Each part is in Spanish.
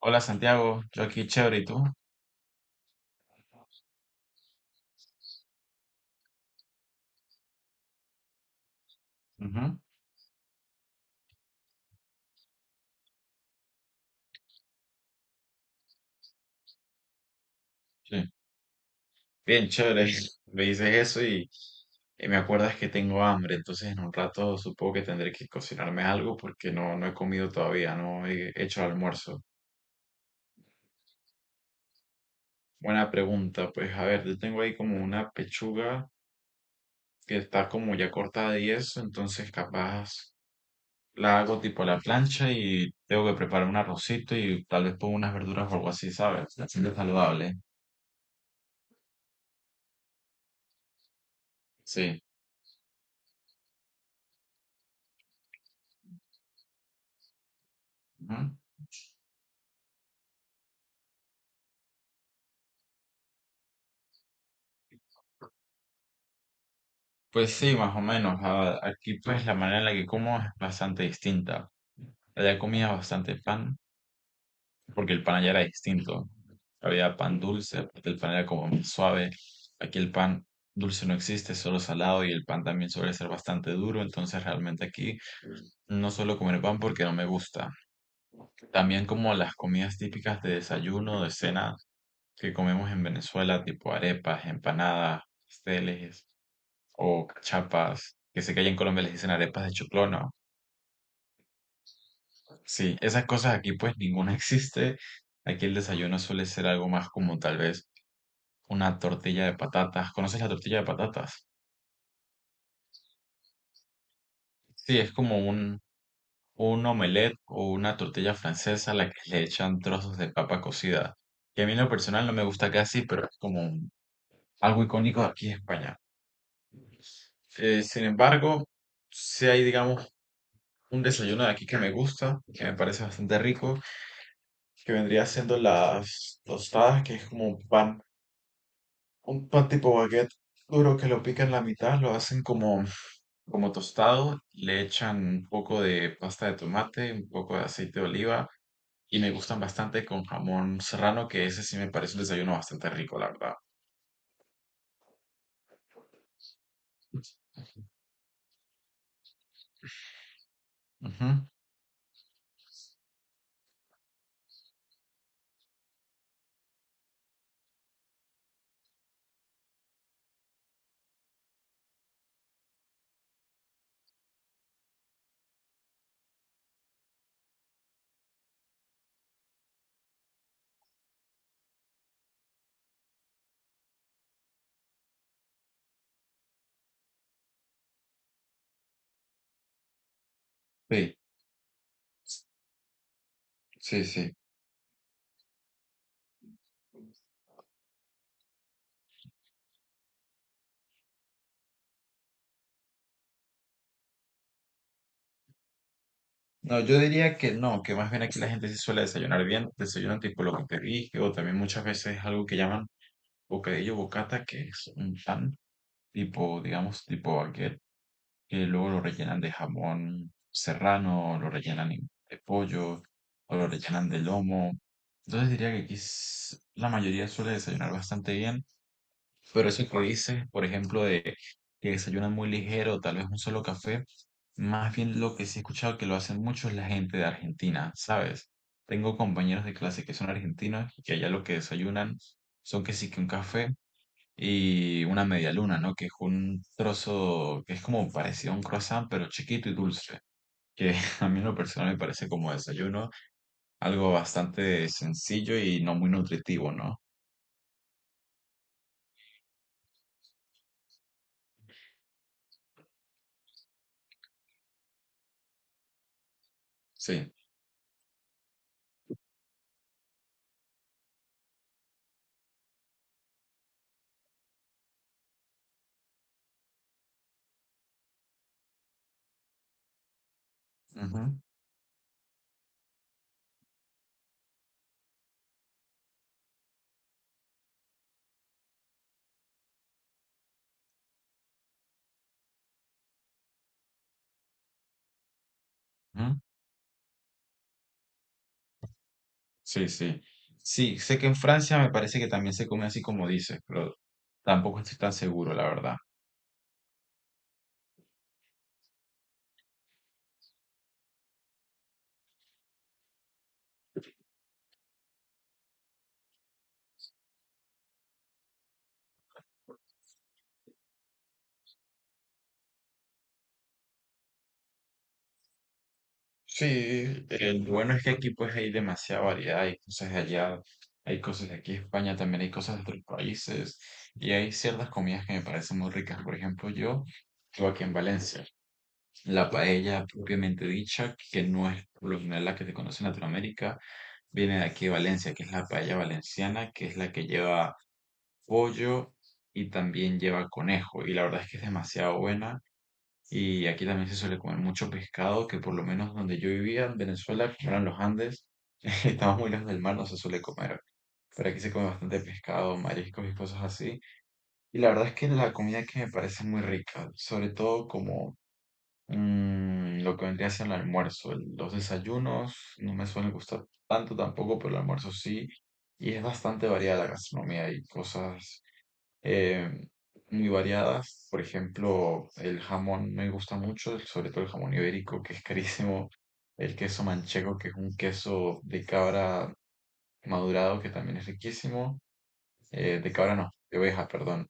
Hola Santiago, yo aquí chévere, ¿y tú? Ujú, sí. Bien, chévere. Me dices eso y me acuerdas que tengo hambre, entonces en un rato supongo que tendré que cocinarme algo porque no he comido todavía, no he hecho el almuerzo. Buena pregunta, pues a ver, yo tengo ahí como una pechuga que está como ya cortada y eso, entonces capaz la hago tipo a la plancha y tengo que preparar un arrocito y tal vez pongo unas verduras o algo así, ¿sabes? Haciendo saludable. Sí. Pues sí, más o menos. Aquí pues la manera en la que como es bastante distinta. Allá comía bastante pan, porque el pan allá era distinto. Había pan dulce, el pan era como más suave. Aquí el pan dulce no existe, es solo salado y el pan también suele ser bastante duro, entonces realmente aquí no suelo comer pan porque no me gusta. También como las comidas típicas de desayuno, de cena que comemos en Venezuela, tipo arepas, empanadas, pasteles o cachapas, que sé que allá en Colombia les dicen arepas de choclono. Sí, esas cosas aquí pues ninguna existe. Aquí el desayuno suele ser algo más como tal vez una tortilla de patatas. ¿Conoces la tortilla de patatas? Sí, es como un omelette o una tortilla francesa a la que le echan trozos de papa cocida. Que a mí en lo personal no me gusta casi, pero es como algo icónico de aquí en España. Sin embargo, si hay, digamos, un desayuno de aquí que me gusta, que me parece bastante rico, que vendría siendo las tostadas, que es como un pan tipo baguette duro que lo pican la mitad, lo hacen como, como tostado, le echan un poco de pasta de tomate, un poco de aceite de oliva, y me gustan bastante con jamón serrano, que ese sí me parece un desayuno bastante rico, la verdad. Ujú. Sí, sí, sí. No, yo diría que no, que más bien aquí la gente sí suele desayunar bien, desayunan tipo lo que te dije, o también muchas veces algo que llaman bocadillo bocata, que es un pan tipo, digamos, tipo baguette, que luego lo rellenan de jamón serrano, o lo rellenan de pollo, o lo rellenan de lomo. Entonces diría que aquí la mayoría suele desayunar bastante bien, pero eso que dices, por ejemplo, de que desayunan muy ligero, tal vez un solo café, más bien lo que sí he escuchado que lo hacen mucho es la gente de Argentina, ¿sabes? Tengo compañeros de clase que son argentinos y que allá lo que desayunan son que sí que un café y una media luna, ¿no? Que es un trozo que es como parecido a un croissant, pero chiquito y dulce, que a mí en lo personal me parece como desayuno, algo bastante sencillo y no muy nutritivo, ¿no? Sí. Ujú, ujú. Sí, sí. Sí, sé que en Francia me parece que también se come así como dices, pero tampoco estoy tan seguro, la verdad. Sí, el bueno es que aquí pues hay demasiada variedad, hay cosas de allá, hay cosas de aquí, de España también hay cosas de otros países y hay ciertas comidas que me parecen muy ricas. Por ejemplo, yo vivo aquí en Valencia, la paella propiamente dicha, que no es por lo general la que se conoce en Latinoamérica, viene de aquí de Valencia, que es la paella valenciana, que es la que lleva pollo y también lleva conejo y la verdad es que es demasiado buena. Y aquí también se suele comer mucho pescado, que por lo menos donde yo vivía, en Venezuela, que no eran los Andes, estamos muy lejos del mar, no se suele comer. Pero aquí se come bastante pescado, mariscos y cosas así. Y la verdad es que la comida que me parece muy rica, sobre todo como lo que vendría a ser el almuerzo. Los desayunos no me suelen gustar tanto tampoco, pero el almuerzo sí. Y es bastante variada la gastronomía y cosas eh, muy variadas. Por ejemplo, el jamón me gusta mucho, sobre todo el jamón ibérico, que es carísimo. El queso manchego, que es un queso de cabra madurado, que también es riquísimo. De cabra no, de oveja, perdón.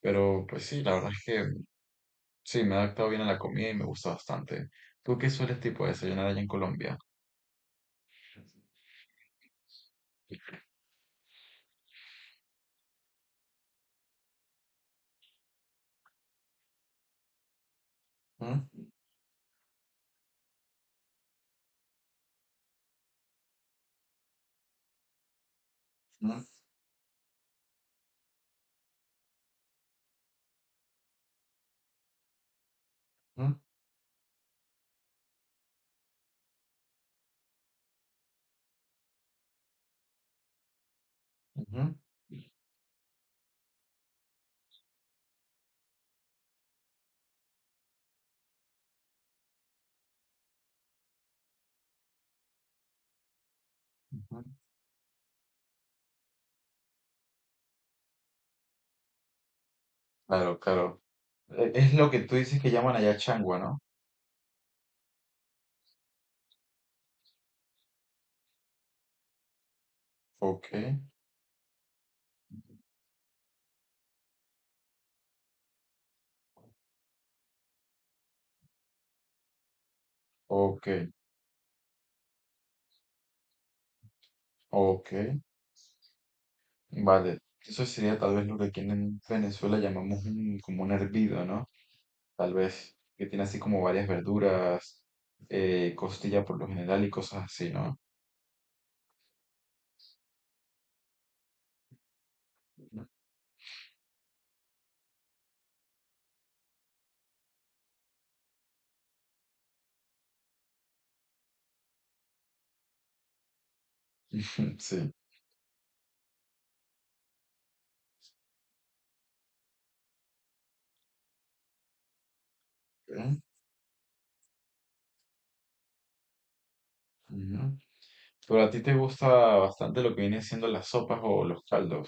Pero pues sí, la verdad es que sí, me he adaptado bien a la comida y me gusta bastante. ¿Tú qué sueles tipo desayunar allá en Colombia? ¿Mm? ¿Mm? ¿Mm? Ujú, ujú. Claro, claro. Es lo que tú dices que llaman allá changua, ¿no? Ok, ok, ok. Vale, eso sería tal vez lo que aquí en Venezuela llamamos como un hervido, ¿no? Tal vez que tiene así como varias verduras, costilla por lo general y cosas así, ¿no? Sí. Ok. Ujú. Pero a ti te gusta bastante lo que vienen siendo las sopas o los caldos.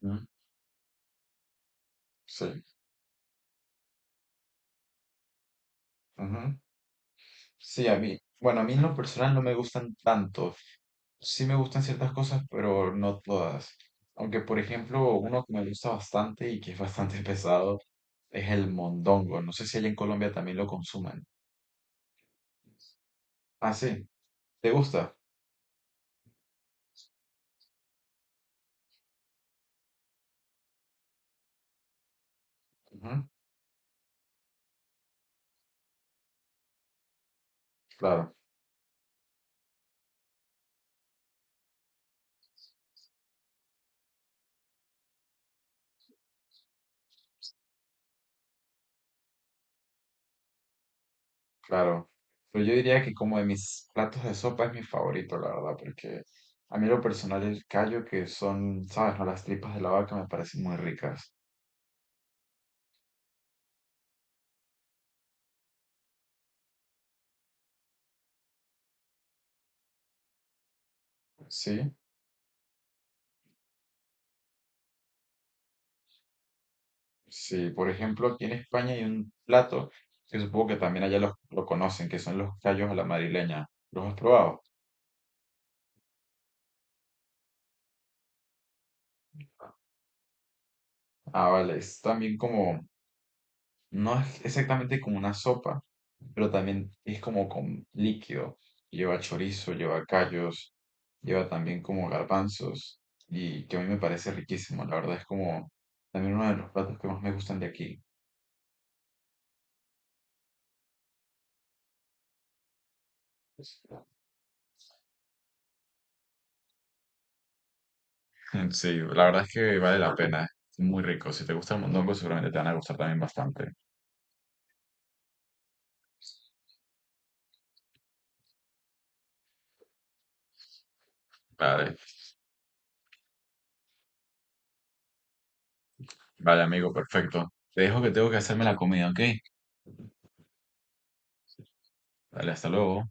¿No? Sí. Ujú. Sí, a mí, bueno, a mí en lo personal no me gustan tanto, sí me gustan ciertas cosas, pero no todas. Aunque, por ejemplo, uno que me gusta bastante y que es bastante pesado es el mondongo. No sé si allá en Colombia también lo consuman. Ah, sí, ¿te gusta? Ujú. Claro, claro. Pero yo diría que como de mis platos de sopa es mi favorito, la verdad, porque a mí en lo personal el callo, que son, ¿sabes? ¿No? Las tripas de la vaca me parecen muy ricas. Sí. Sí, por ejemplo, aquí en España hay un plato que supongo que también allá lo conocen, que son los callos a la madrileña. ¿Los has probado? Ah, vale, es también como, no es exactamente como una sopa, pero también es como con líquido. Lleva chorizo, lleva callos, lleva también como garbanzos, y que a mí me parece riquísimo. La verdad es como también uno de los platos que más me gustan de aquí. Sí, la verdad es que vale la pena. Es muy rico. Si te gusta el mondongo, seguramente te van a gustar también bastante. Vale, vale, amigo, perfecto. Te dejo que tengo que hacerme la comida, ¿ok? Dale, hasta luego.